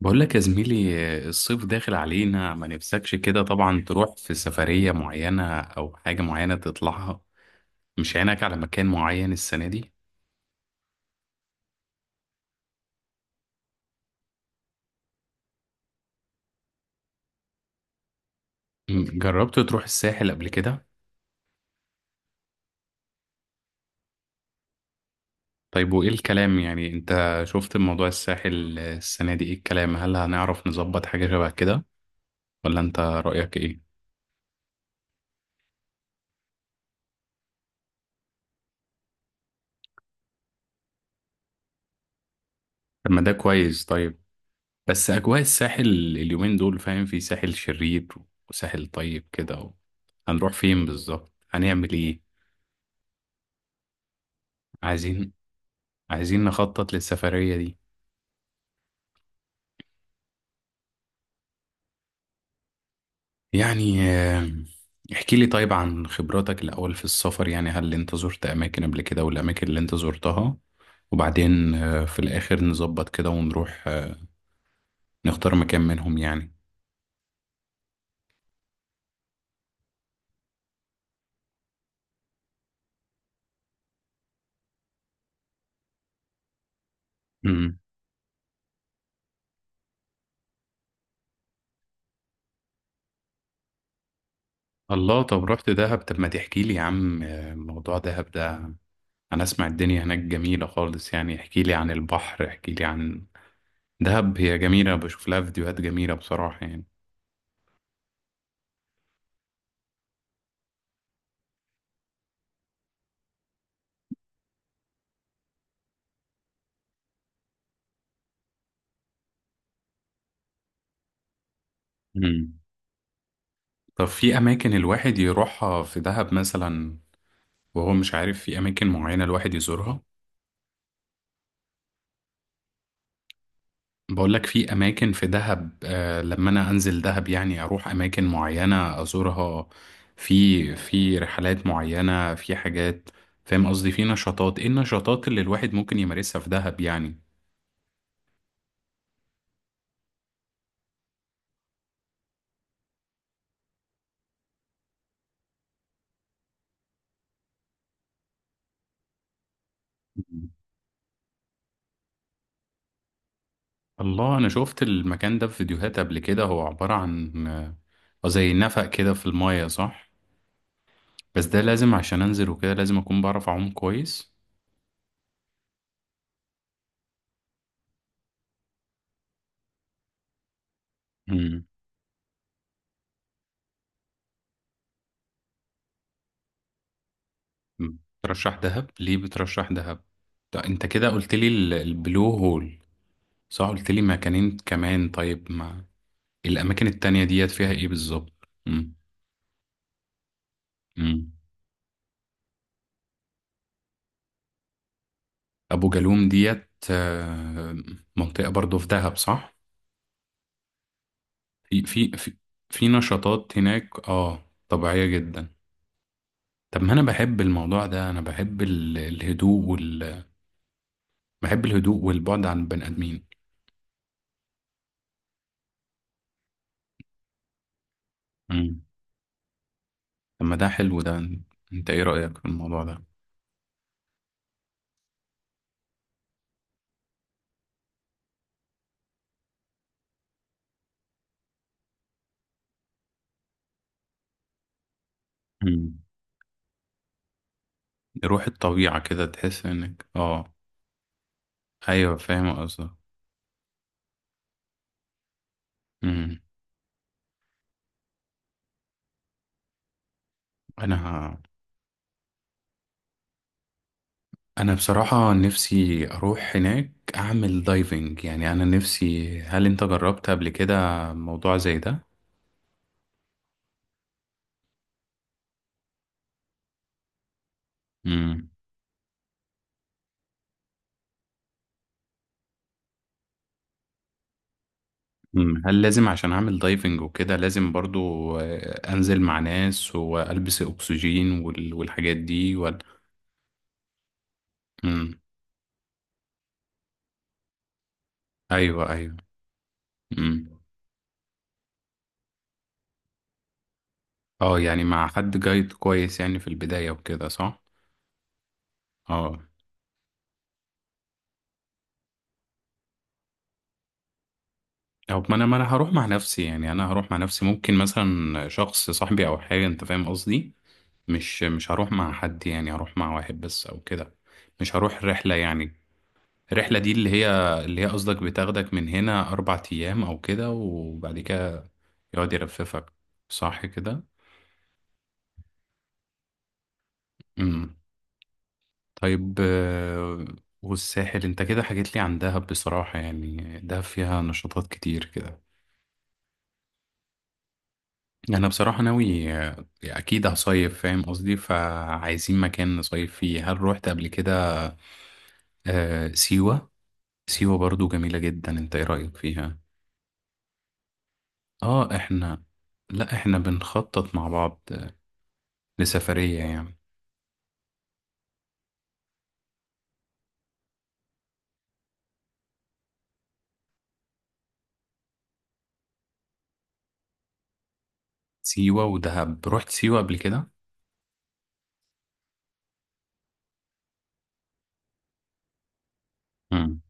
بقول لك يا زميلي، الصيف داخل علينا، ما نفسكش كده طبعا تروح في سفرية معينة أو حاجة معينة تطلعها؟ مش عينك على مكان معين السنة دي؟ جربت تروح الساحل قبل كده؟ طيب وإيه الكلام، يعني أنت شفت موضوع الساحل السنة دي إيه الكلام؟ هل هنعرف نظبط حاجة شبه كده، ولا أنت رأيك إيه؟ طب ما ده كويس. طيب، بس أجواء الساحل اليومين دول، فاهم، في ساحل شرير وساحل طيب كده. هنروح فين بالظبط؟ هنعمل إيه؟ عايزين عايزين نخطط للسفرية دي. يعني احكي لي طيب عن خبراتك الأول في السفر، يعني هل أنت زرت أماكن قبل كده؟ والأماكن اللي أنت زرتها، وبعدين في الآخر نظبط كده ونروح نختار مكان منهم يعني. مم. الله، طب رحت دهب؟ طب ما تحكي لي يا عم موضوع دهب ده. أنا أسمع الدنيا هناك جميلة خالص يعني، احكي لي عن البحر، احكي لي عن دهب. هي جميلة، بشوف لها فيديوهات جميلة بصراحة يعني. مم. طب في أماكن الواحد يروحها في دهب مثلا وهو مش عارف؟ في أماكن معينة الواحد يزورها؟ بقول لك في أماكن في دهب، لما أنا أنزل دهب يعني أروح أماكن معينة أزورها. في رحلات معينة، في حاجات، فاهم قصدي، في نشاطات. إيه النشاطات اللي الواحد ممكن يمارسها في دهب يعني؟ الله، أنا شفت المكان ده في فيديوهات قبل كده. هو عبارة عن زي نفق كده في الماية، صح؟ بس ده لازم عشان أنزل وكده لازم أكون بعرف أعوم كويس. مم. ترشح دهب ليه؟ بترشح دهب؟ طب انت كده قلت لي البلو هول، صح؟ قلت لي مكانين كمان، طيب ما الاماكن التانية ديت فيها ايه بالظبط؟ مم. مم. ابو جالوم ديت منطقة برضو في دهب، صح؟ في في في, في نشاطات هناك، اه، طبيعية جدا. طب ما انا بحب الموضوع ده، انا بحب الهدوء بحب الهدوء والبعد عن البني ادمين. مم. طب ما ده حلو ده. انت ايه رأيك في الموضوع ده؟ مم. روح الطبيعة كده، تحس انك اه. ايوه، فاهم قصدك. امم. انا انا بصراحة نفسي اروح هناك اعمل دايفنج، يعني انا نفسي. هل انت جربت قبل كده موضوع زي ده؟ امم. أمم. هل لازم عشان اعمل دايفنج وكده لازم برضو انزل مع ناس والبس اكسجين والحاجات دي، ولا؟ امم. ايوه، ايوه. امم. اه، يعني مع حد جايد كويس يعني في البداية وكده، صح؟ اه. او، ما انا هروح مع نفسي، يعني انا هروح مع نفسي، ممكن مثلا شخص صاحبي او حاجه، انت فاهم قصدي. مش هروح مع حد يعني، هروح مع واحد بس او كده. مش هروح رحله يعني، الرحله دي اللي هي قصدك بتاخدك من هنا اربع ايام او كده، وبعد كده يقعد يلففك، صح كده؟ امم. طيب والساحل، انت كده حكيت لي عن دهب بصراحه، يعني دهب فيها نشاطات كتير كده. انا بصراحة ناوي اكيد هصيف، فاهم قصدي، فعايزين مكان نصيف فيه. هل روحت قبل كده آه سيوة؟ سيوة برضو جميلة جدا، انت ايه رأيك فيها؟ اه احنا، لا احنا بنخطط مع بعض لسفرية يعني. سيوة ودهب، روحت سيوة قبل كده؟ مم.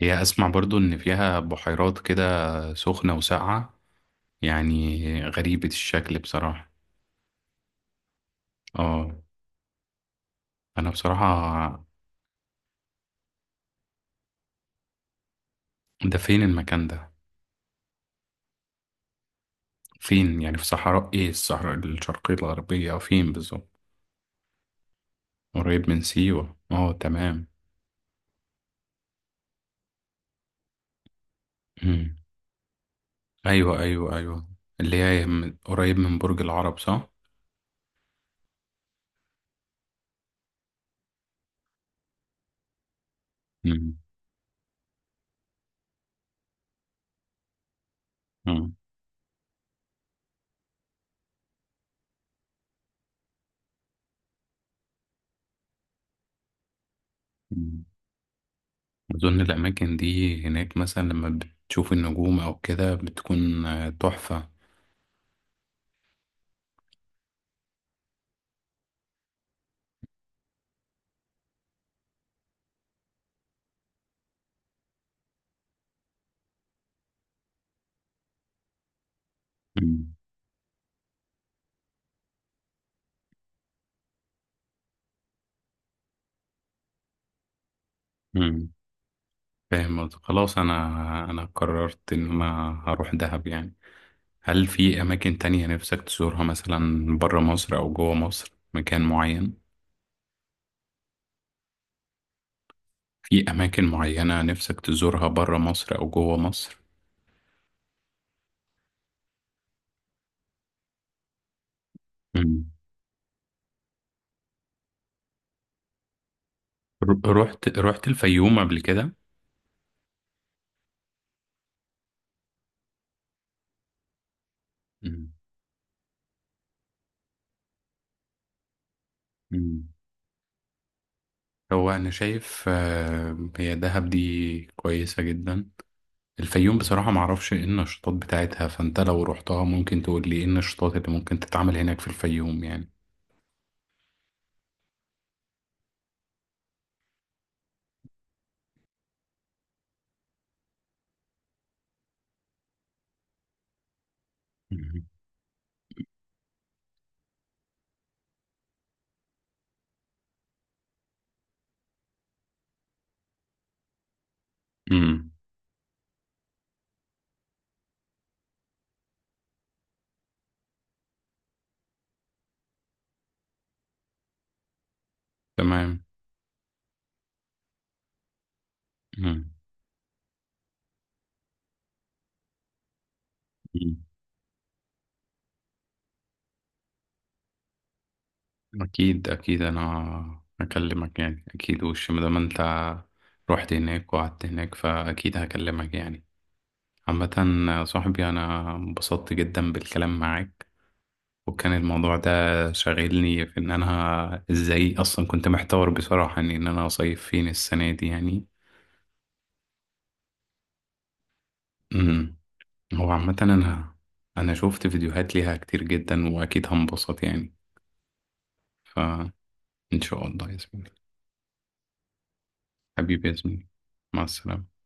هي، اسمع برضو ان فيها بحيرات كده سخنة وساقعة يعني، غريبة الشكل بصراحة. اه. انا بصراحة، ده فين المكان ده؟ فين يعني؟ في صحراء ايه، الصحراء الشرقية الغربية أو فين بالظبط؟ قريب من سيوة، اه تمام. مم. أيوة أيوة أيوة. اللي هي قريب من برج العرب، صح؟ مم. مم. مم. أظن الأماكن دي هناك مثلا لما بتشوف النجوم أو كده بتكون تحفة. مم. مم. فاهم قصدك. خلاص، أنا قررت إن أنا هروح دهب يعني. هل في أماكن تانية نفسك تزورها مثلا برا مصر أو جوا مصر مكان معين؟ في أماكن معينة نفسك تزورها برا مصر أو جوه مصر؟ مم. رحت الفيوم قبل كده؟ مم. مم. هو أنا شايف هي دهب دي كويسة جدا. الفيوم بصراحة معرفش إيه النشاطات بتاعتها، فأنت لو رحتها ممكن تقول لي إيه النشاطات اللي ممكن تتعمل هناك في الفيوم يعني. مم. مم. تمام. مم. مم. أكيد أكيد، أنا هكلمك يعني، أكيد. وش ما دام أنت رحت هناك وقعدت هناك فأكيد هكلمك يعني. عامة، صاحبي، أنا انبسطت جدا بالكلام معاك، وكان الموضوع ده شاغلني في إن أنا إزاي. أصلا كنت محتار بصراحة إن أنا أصيف فين السنة دي يعني. أمم. هو عامة أنا شوفت فيديوهات ليها كتير جدا وأكيد هنبسط يعني. فإن شاء الله يا زميلي. حبيبي يا زميلي، مع السلامة.